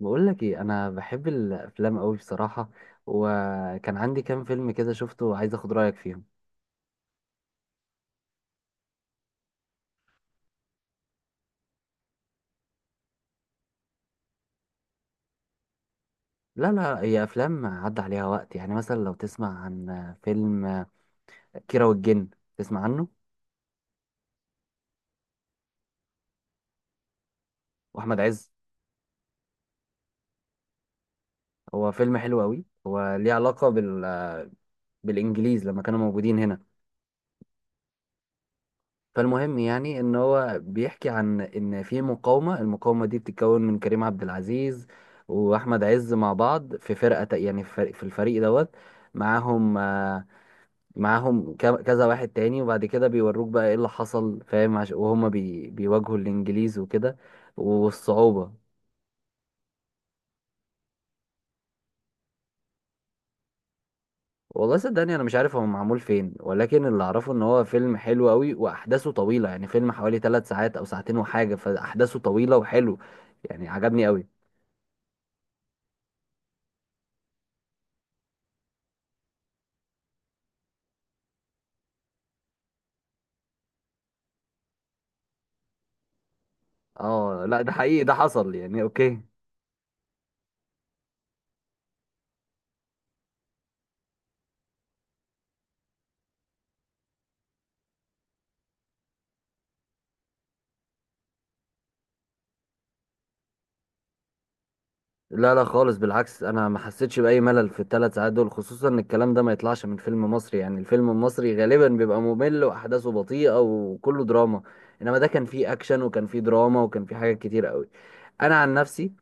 بقول لك ايه، انا بحب الافلام قوي بصراحه. وكان عندي كام فيلم كده شفته وعايز اخد رايك فيهم. لا هي افلام عدى عليها وقت، يعني مثلا لو تسمع عن فيلم كيرة والجن، تسمع عنه. واحمد عز. هو فيلم حلو قوي، هو ليه علاقه بالانجليز لما كانوا موجودين هنا. فالمهم يعني ان هو بيحكي عن ان في مقاومه، المقاومه دي بتتكون من كريم عبد العزيز واحمد عز مع بعض في فرقه، يعني في الفريق دوت. معاهم. معاهم كذا واحد تاني، وبعد كده بيوروك بقى ايه اللي حصل، فاهم وهما بيواجهوا الانجليز وكده، والصعوبة. والله صدقني انا مش عارف هو معمول فين، ولكن اللي اعرفه ان هو فيلم حلو قوي واحداثه طويلة، يعني فيلم حوالي ثلاث ساعات او ساعتين وحاجة، فاحداثه طويلة وحلو، يعني عجبني قوي. اه، لا ده حقيقي، ده حصل يعني. اوكي. لا خالص، بالعكس انا ما حسيتش باي ملل في الثلاث ساعات دول، خصوصا ان الكلام ده ما يطلعش من فيلم مصري، يعني الفيلم المصري غالبا بيبقى ممل واحداثه بطيئه وكله دراما، انما ده كان فيه اكشن وكان فيه دراما وكان فيه حاجات كتير قوي. انا عن نفسي،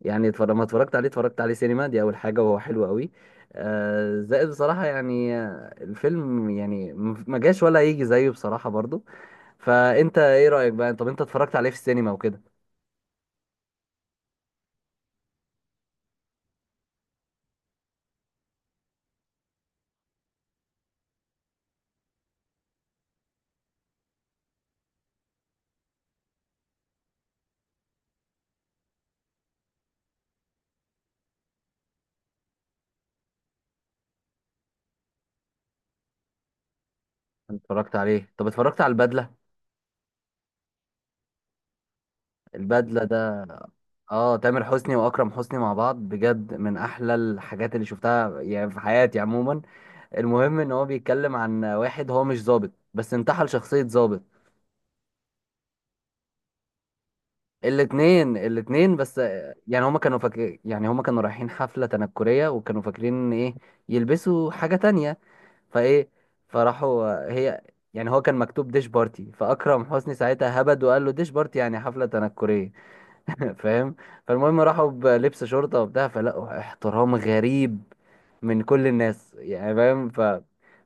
يعني اتفرج، ما اتفرجت عليه، اتفرجت عليه سينما دي اول حاجه، وهو حلو قوي. آه زائد بصراحه، يعني الفيلم يعني ما جاش ولا يجي زيه بصراحه برضو. فانت ايه رايك بقى؟ طب انت اتفرجت عليه في السينما وكده؟ اتفرجت عليه. طب اتفرجت على البدله؟ البدله ده، اه، تامر حسني واكرم حسني مع بعض، بجد من احلى الحاجات اللي شفتها يعني في حياتي عموما. المهم ان هو بيتكلم عن واحد هو مش ظابط، بس انتحل شخصية ظابط. الاتنين، الاتنين بس. يعني هما كانوا فاكر، يعني هما كانوا رايحين حفلة تنكرية، وكانوا فاكرين ان ايه، يلبسوا حاجة تانية. فايه، فراحوا هي، يعني هو كان مكتوب ديش بارتي، فاكرم حسني ساعتها هبد وقال له ديش بارتي يعني حفلة تنكرية. فاهم؟ فالمهم راحوا بلبس شرطة وبتاع، فلقوا احترام غريب من كل الناس، يعني فاهم،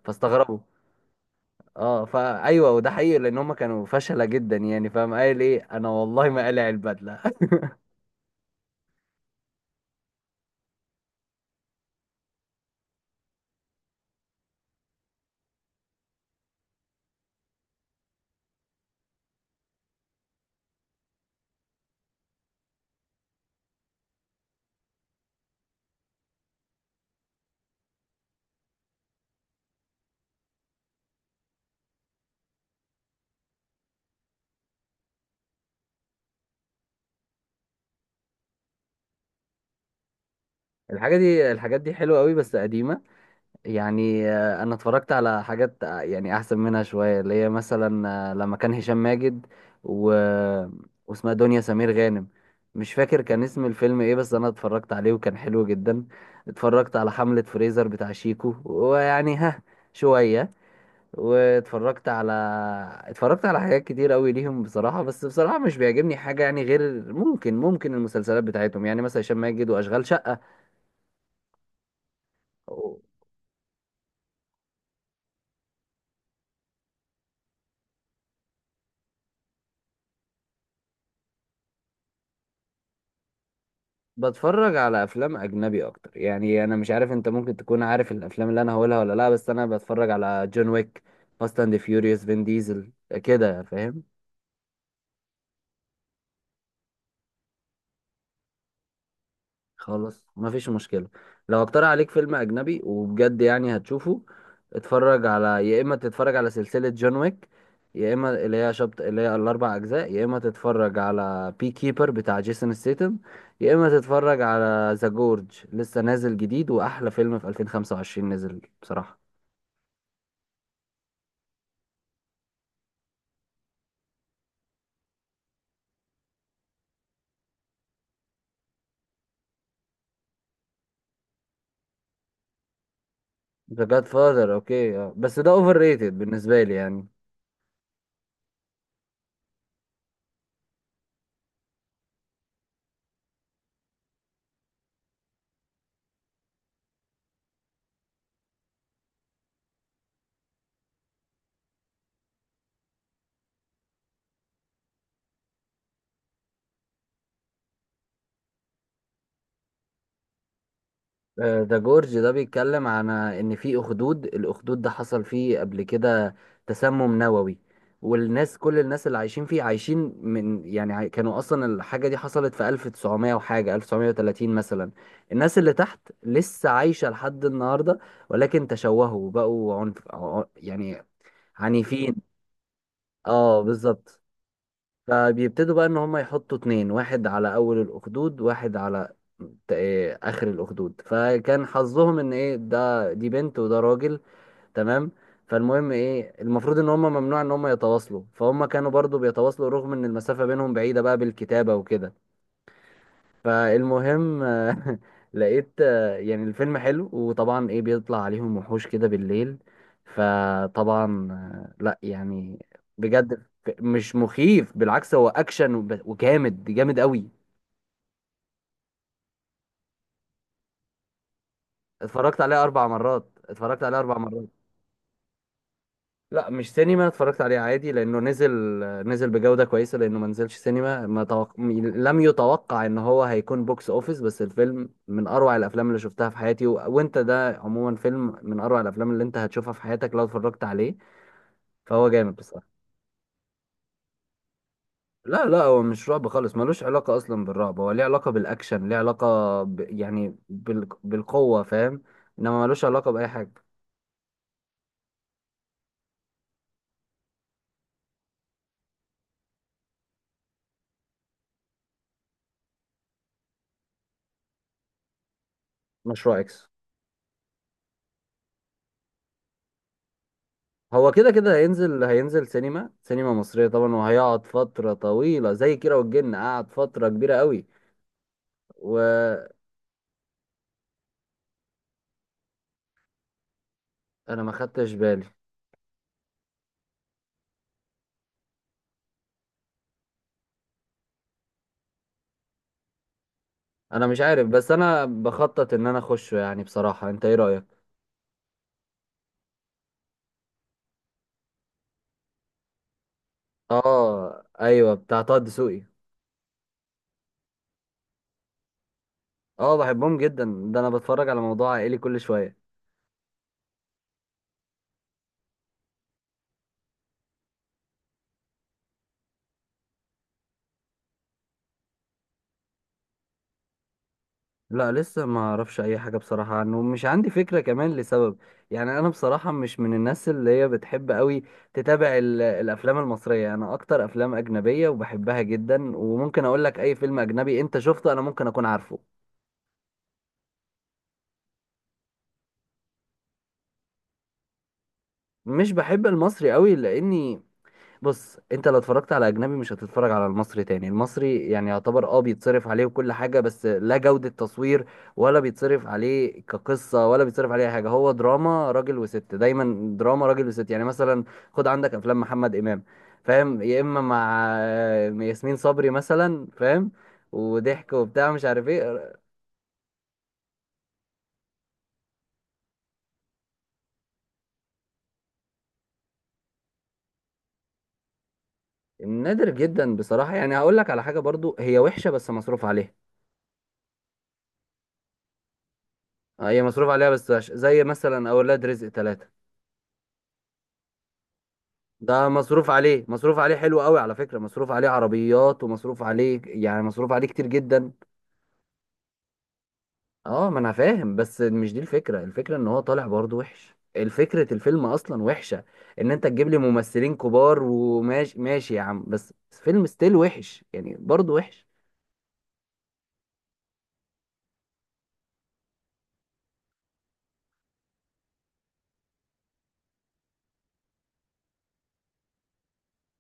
فاستغربوا. اه، فايوه، وده حقيقي لان هم كانوا فشلة جدا، يعني فاهم، قايل ايه، انا والله ما قلع البدلة. الحاجة دي، الحاجات دي حلوة قوي بس قديمة. يعني انا اتفرجت على حاجات يعني احسن منها شويه، اللي هي مثلا لما كان هشام ماجد و... واسمها دنيا سمير غانم، مش فاكر كان اسم الفيلم ايه، بس انا اتفرجت عليه وكان حلو جدا. اتفرجت على حملة فريزر بتاع شيكو ويعني ها، شويه. واتفرجت على، اتفرجت على حاجات كتير قوي ليهم بصراحه، بس بصراحه مش بيعجبني حاجه يعني، غير ممكن المسلسلات بتاعتهم، يعني مثلا هشام ماجد واشغال شقه. بتفرج على افلام اجنبي اكتر، يعني انا مش عارف انت ممكن تكون عارف الافلام اللي انا هقولها ولا لا، بس انا بتفرج على جون ويك، فاست اند فيوريوس، فين ديزل، كده فاهم. خلاص مفيش مشكله. لو اقترح عليك فيلم اجنبي وبجد يعني هتشوفه، اتفرج على، يا اما تتفرج على سلسله جون ويك، يا اما اللي هي شبط، اللي هي الاربع اجزاء، يا اما تتفرج على بي كيبر بتاع جيسون ستيتم، يا اما تتفرج على ذا جورج، لسه نازل جديد، واحلى فيلم في 2025 نزل بصراحه. ذا جاد فاذر، اوكي، اه بس ده اوفر ريتد بالنسبه لي يعني. ذا جورج ده بيتكلم عن ان في اخدود، الاخدود ده حصل فيه قبل كده تسمم نووي، والناس، كل الناس اللي عايشين فيه عايشين من يعني كانوا اصلا الحاجه دي حصلت في 1900 وحاجه، 1930 مثلا. الناس اللي تحت لسه عايشه لحد النهارده، ولكن تشوهوا، بقوا عنف يعني عنيفين. اه بالظبط. فبيبتدوا بقى ان هم يحطوا اتنين، واحد على اول الاخدود، واحد على ت- إيه، اخر الاخدود، فكان حظهم ان ايه، ده دي بنت وده راجل. تمام. فالمهم ايه، المفروض ان هم ممنوع ان هم يتواصلوا، فهم كانوا برضو بيتواصلوا رغم ان المسافة بينهم بعيدة، بقى بالكتابة وكده. فالمهم لقيت يعني الفيلم حلو، وطبعا ايه، بيطلع عليهم وحوش كده بالليل. فطبعا لا يعني بجد، مش مخيف، بالعكس هو اكشن وب- وجامد جامد قوي. اتفرجت عليه اربع مرات، اتفرجت عليه اربع مرات. لا مش سينما، اتفرجت عليه عادي لانه نزل، نزل بجودة كويسة، لانه ما نزلش سينما، ما توق... م- لم يتوقع ان هو هيكون بوكس اوفيس، بس الفيلم من اروع الافلام اللي شفتها في حياتي، وانت ده عموما فيلم من اروع الافلام اللي انت هتشوفها في حياتك لو اتفرجت عليه، فهو جامد بصراحة. لا هو مش رعب خالص، ملوش علاقة اصلا بالرعب، هو ليه علاقة بالاكشن، ليه علاقة يعني بالقوة، فاهم، انما ملوش علاقة باي حاجة. مشروع اكس هو كده كده هينزل، هينزل سينما، سينما مصرية طبعا، وهيقعد فترة طويلة زي كيرة والجن قعد فترة كبيرة قوي. وانا ما خدتش بالي. انا مش عارف، بس انا بخطط ان انا اخشه يعني بصراحة. انت ايه رأيك؟ اه ايوه، بتاع طه دسوقي. اه بحبهم جدا، ده انا بتفرج على موضوع عائلي كل شوية. لا لسه ما اعرفش اي حاجه بصراحه عنه، مش عندي فكره، كمان لسبب يعني، انا بصراحه مش من الناس اللي هي بتحب قوي تتابع الافلام المصريه، انا اكتر افلام اجنبيه وبحبها جدا، وممكن اقول لك اي فيلم اجنبي انت شفته انا ممكن اكون عارفه. مش بحب المصري قوي، لاني، بص انت لو اتفرجت على اجنبي مش هتتفرج على المصري تاني، المصري يعني يعتبر اه بيتصرف عليه وكل حاجة، بس لا جودة تصوير، ولا بيتصرف عليه كقصة، ولا بيتصرف عليه أي حاجة، هو دراما راجل وست، دايما دراما راجل وست، يعني مثلا خد عندك افلام محمد امام، فاهم، يا اما مع ياسمين صبري مثلا فاهم، وضحك وبتاع مش عارف ايه. نادر جدا بصراحة، يعني هقول لك على حاجة برضو هي وحشة بس مصروف عليها. هي مصروف عليها بس زي مثلا اولاد رزق ثلاثة. ده مصروف عليه، مصروف عليه حلو قوي على فكرة، مصروف عليه عربيات، ومصروف عليه يعني، مصروف عليه كتير جدا. اه ما انا فاهم، بس مش دي الفكرة، الفكرة ان هو طالع برضه وحش، الفكرة الفيلم اصلا وحشة. ان انت تجيب لي ممثلين كبار وماشي ماشي يا عم، بس فيلم ستيل وحش يعني برضه وحش.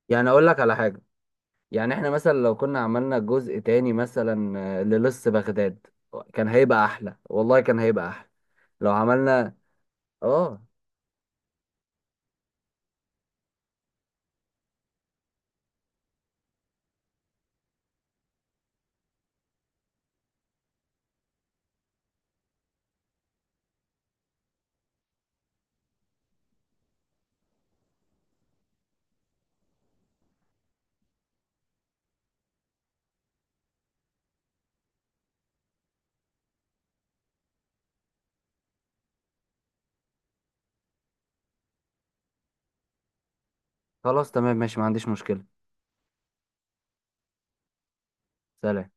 يعني اقول لك على حاجة، يعني احنا مثلا لو كنا عملنا جزء تاني، مثلا للص بغداد، كان هيبقى احلى والله، كان هيبقى احلى لو عملنا. اه خلاص تمام ماشي، ما عنديش مشكلة. سلام.